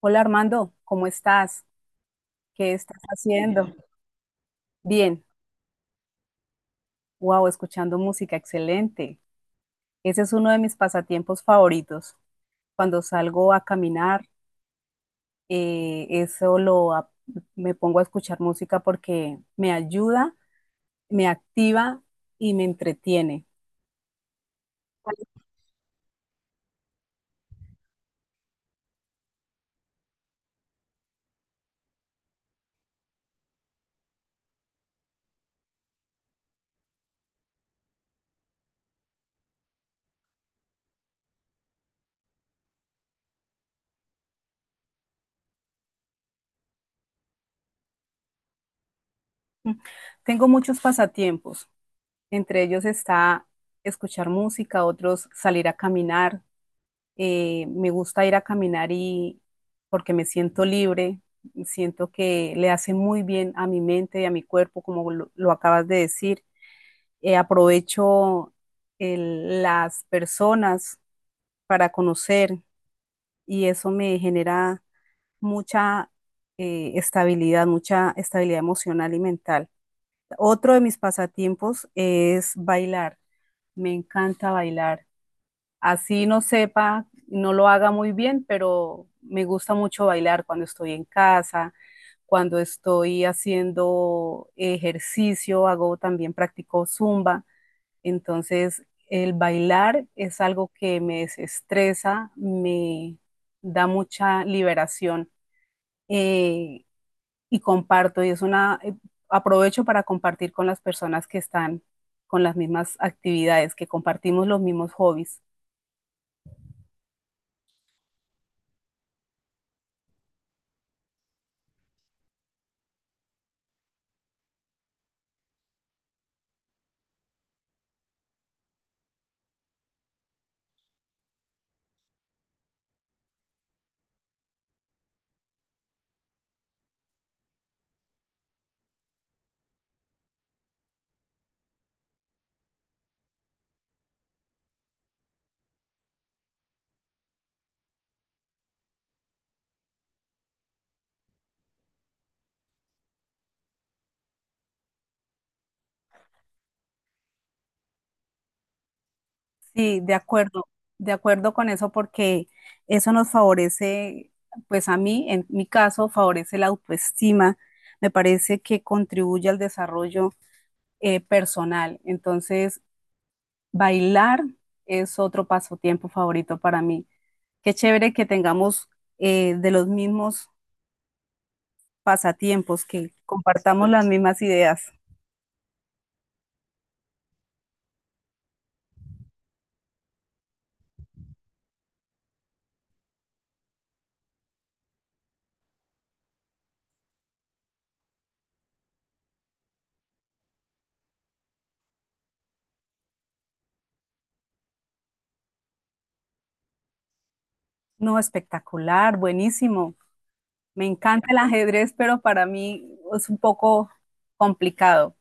Hola Armando, ¿cómo estás? ¿Qué estás haciendo? Bien, wow, escuchando música, excelente. Ese es uno de mis pasatiempos favoritos. Cuando salgo a caminar, eh, eso lo ap- me pongo a escuchar música porque me ayuda, me activa y me entretiene. Tengo muchos pasatiempos. Entre ellos está escuchar música, otros salir a caminar. Me gusta ir a caminar y porque me siento libre, siento que le hace muy bien a mi mente y a mi cuerpo, como lo acabas de decir. Aprovecho las personas para conocer y eso me genera mucha estabilidad, mucha estabilidad emocional y mental. Otro de mis pasatiempos es bailar. Me encanta bailar así no sepa, no lo haga muy bien, pero me gusta mucho bailar cuando estoy en casa, cuando estoy haciendo ejercicio, hago también practico zumba, entonces el bailar es algo que me desestresa, me da mucha liberación eh, y comparto y es una aprovecho para compartir con las personas que están con las mismas actividades, que compartimos los mismos hobbies. Sí, de acuerdo con eso porque eso nos favorece, pues a mí, en mi caso, favorece la autoestima, me parece que contribuye al desarrollo personal. Entonces, bailar es otro pasatiempo favorito para mí. Qué chévere que tengamos de los mismos pasatiempos, que compartamos las mismas ideas. No, espectacular, buenísimo. Me encanta el ajedrez, pero para mí es un poco complicado,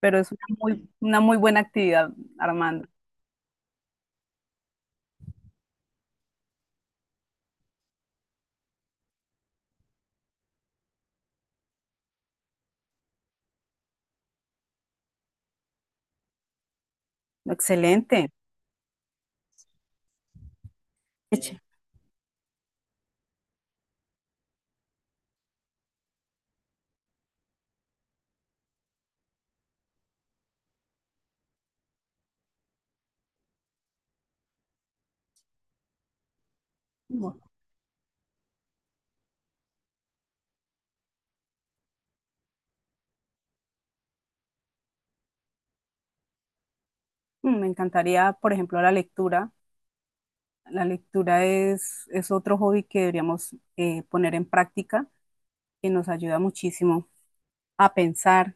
pero es una una muy buena actividad, Armando. Excelente. Qué chévere. Mm, Me encantaría, por ejemplo, la lectura. Es otro hobby que deberíamos poner en práctica, que nos ayuda muchísimo a pensar,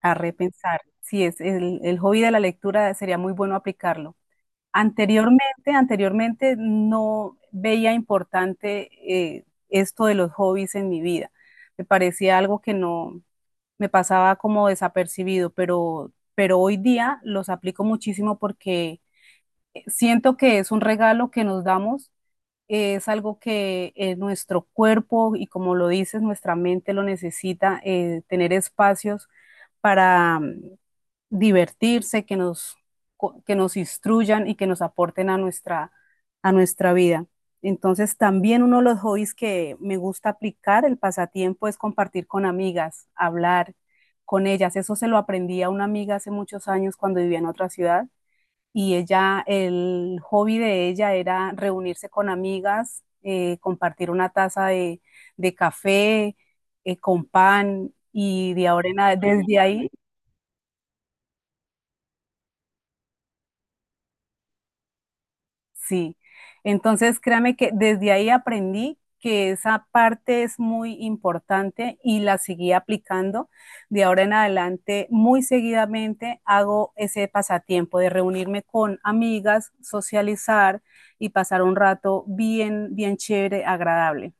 a repensar. Sí, es el hobby de la lectura sería muy bueno aplicarlo. Anteriormente, anteriormente no veía importante esto de los hobbies en mi vida. Me parecía algo que no, me pasaba como desapercibido, pero hoy día los aplico muchísimo porque siento que es un regalo que nos damos, es algo que nuestro cuerpo y como lo dices, nuestra mente lo necesita, tener espacios para divertirse, que nos instruyan y que nos aporten a a nuestra vida. Entonces, también uno de los hobbies que me gusta aplicar, el pasatiempo, es compartir con amigas, hablar con ellas. Eso se lo aprendí a una amiga hace muchos años cuando vivía en otra ciudad y ella, el hobby de ella era reunirse con amigas, compartir una taza de café, con pan y de ahora en a- desde ahí. Sí, entonces créame que desde ahí aprendí que esa parte es muy importante y la seguí aplicando. De ahora en adelante, muy seguidamente hago ese pasatiempo de reunirme con amigas, socializar y pasar un rato bien, bien chévere, agradable.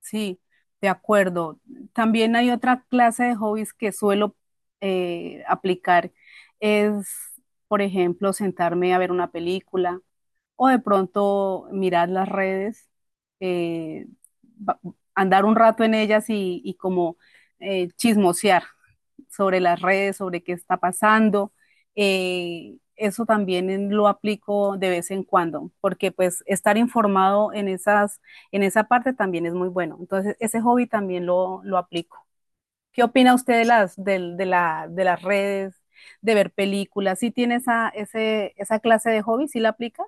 Sí, de acuerdo. También hay otra clase de hobbies que suelo aplicar. Es, por ejemplo, sentarme a ver una película o de pronto mirar las redes, eh, ba- andar un rato en ellas y como chismosear sobre las redes, sobre qué está pasando. Eso también lo aplico de vez en cuando, porque pues estar informado en en esa parte también es muy bueno. Entonces, ese hobby también lo aplico. ¿Qué opina usted de de de las redes, de ver películas? ¿Sí tiene esa clase de hobby? ¿Sí la aplica?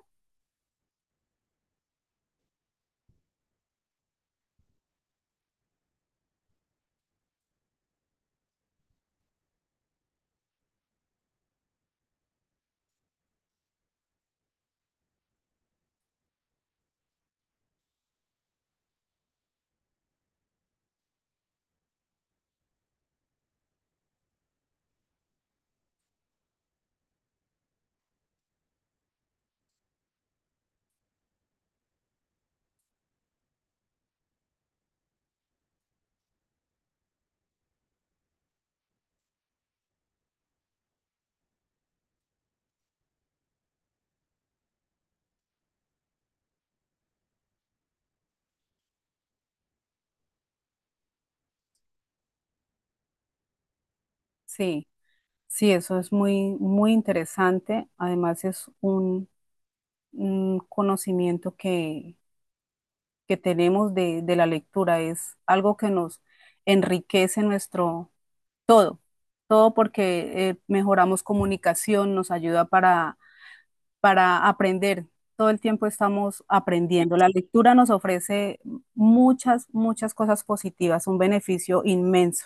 Sí. Sí, eso es muy, muy interesante. Además, es un conocimiento que tenemos de la lectura. Es algo que nos enriquece nuestro todo porque mejoramos comunicación, nos ayuda para aprender. Todo el tiempo estamos aprendiendo. La lectura nos ofrece muchas, muchas cosas positivas, un beneficio inmenso.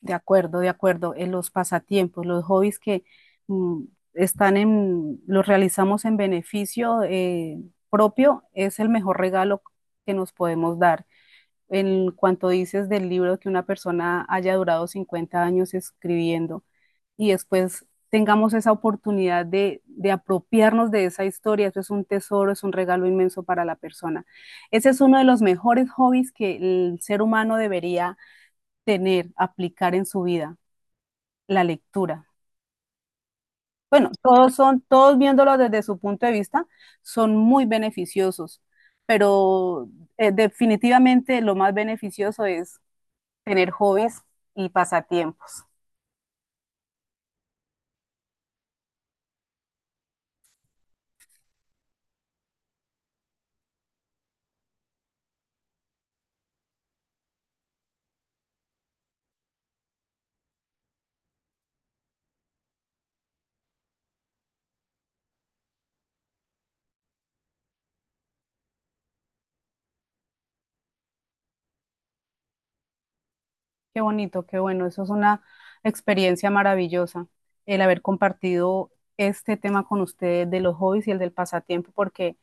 De acuerdo, de acuerdo. En los pasatiempos, los hobbies que mm, los realizamos en beneficio propio, es el mejor regalo que nos podemos dar. En cuanto dices del libro que una persona haya durado 50 años escribiendo y después tengamos esa oportunidad de apropiarnos de esa historia, eso es un tesoro, es un regalo inmenso para la persona. Ese es uno de los mejores hobbies que el ser humano debería tener, aplicar en su vida la lectura. Bueno, todos son, todos viéndolo desde su punto de vista, son muy beneficiosos, pero definitivamente lo más beneficioso es tener hobbies y pasatiempos. Qué bonito, qué bueno, eso es una experiencia maravillosa, el haber compartido este tema con ustedes de los hobbies y el del pasatiempo, porque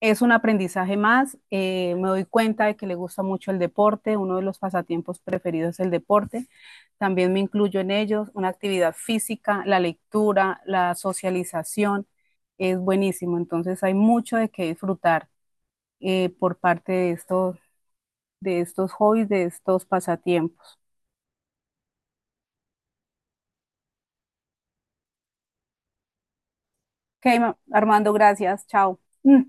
es un aprendizaje más. Me doy cuenta de que le gusta mucho el deporte. Uno de los pasatiempos preferidos es el deporte. También me incluyo en ellos. Una actividad física, la lectura, la socialización. Es buenísimo. Entonces hay mucho de qué disfrutar por parte de de estos hobbies, de estos pasatiempos. Ok, Armando, gracias. Chao. Mm.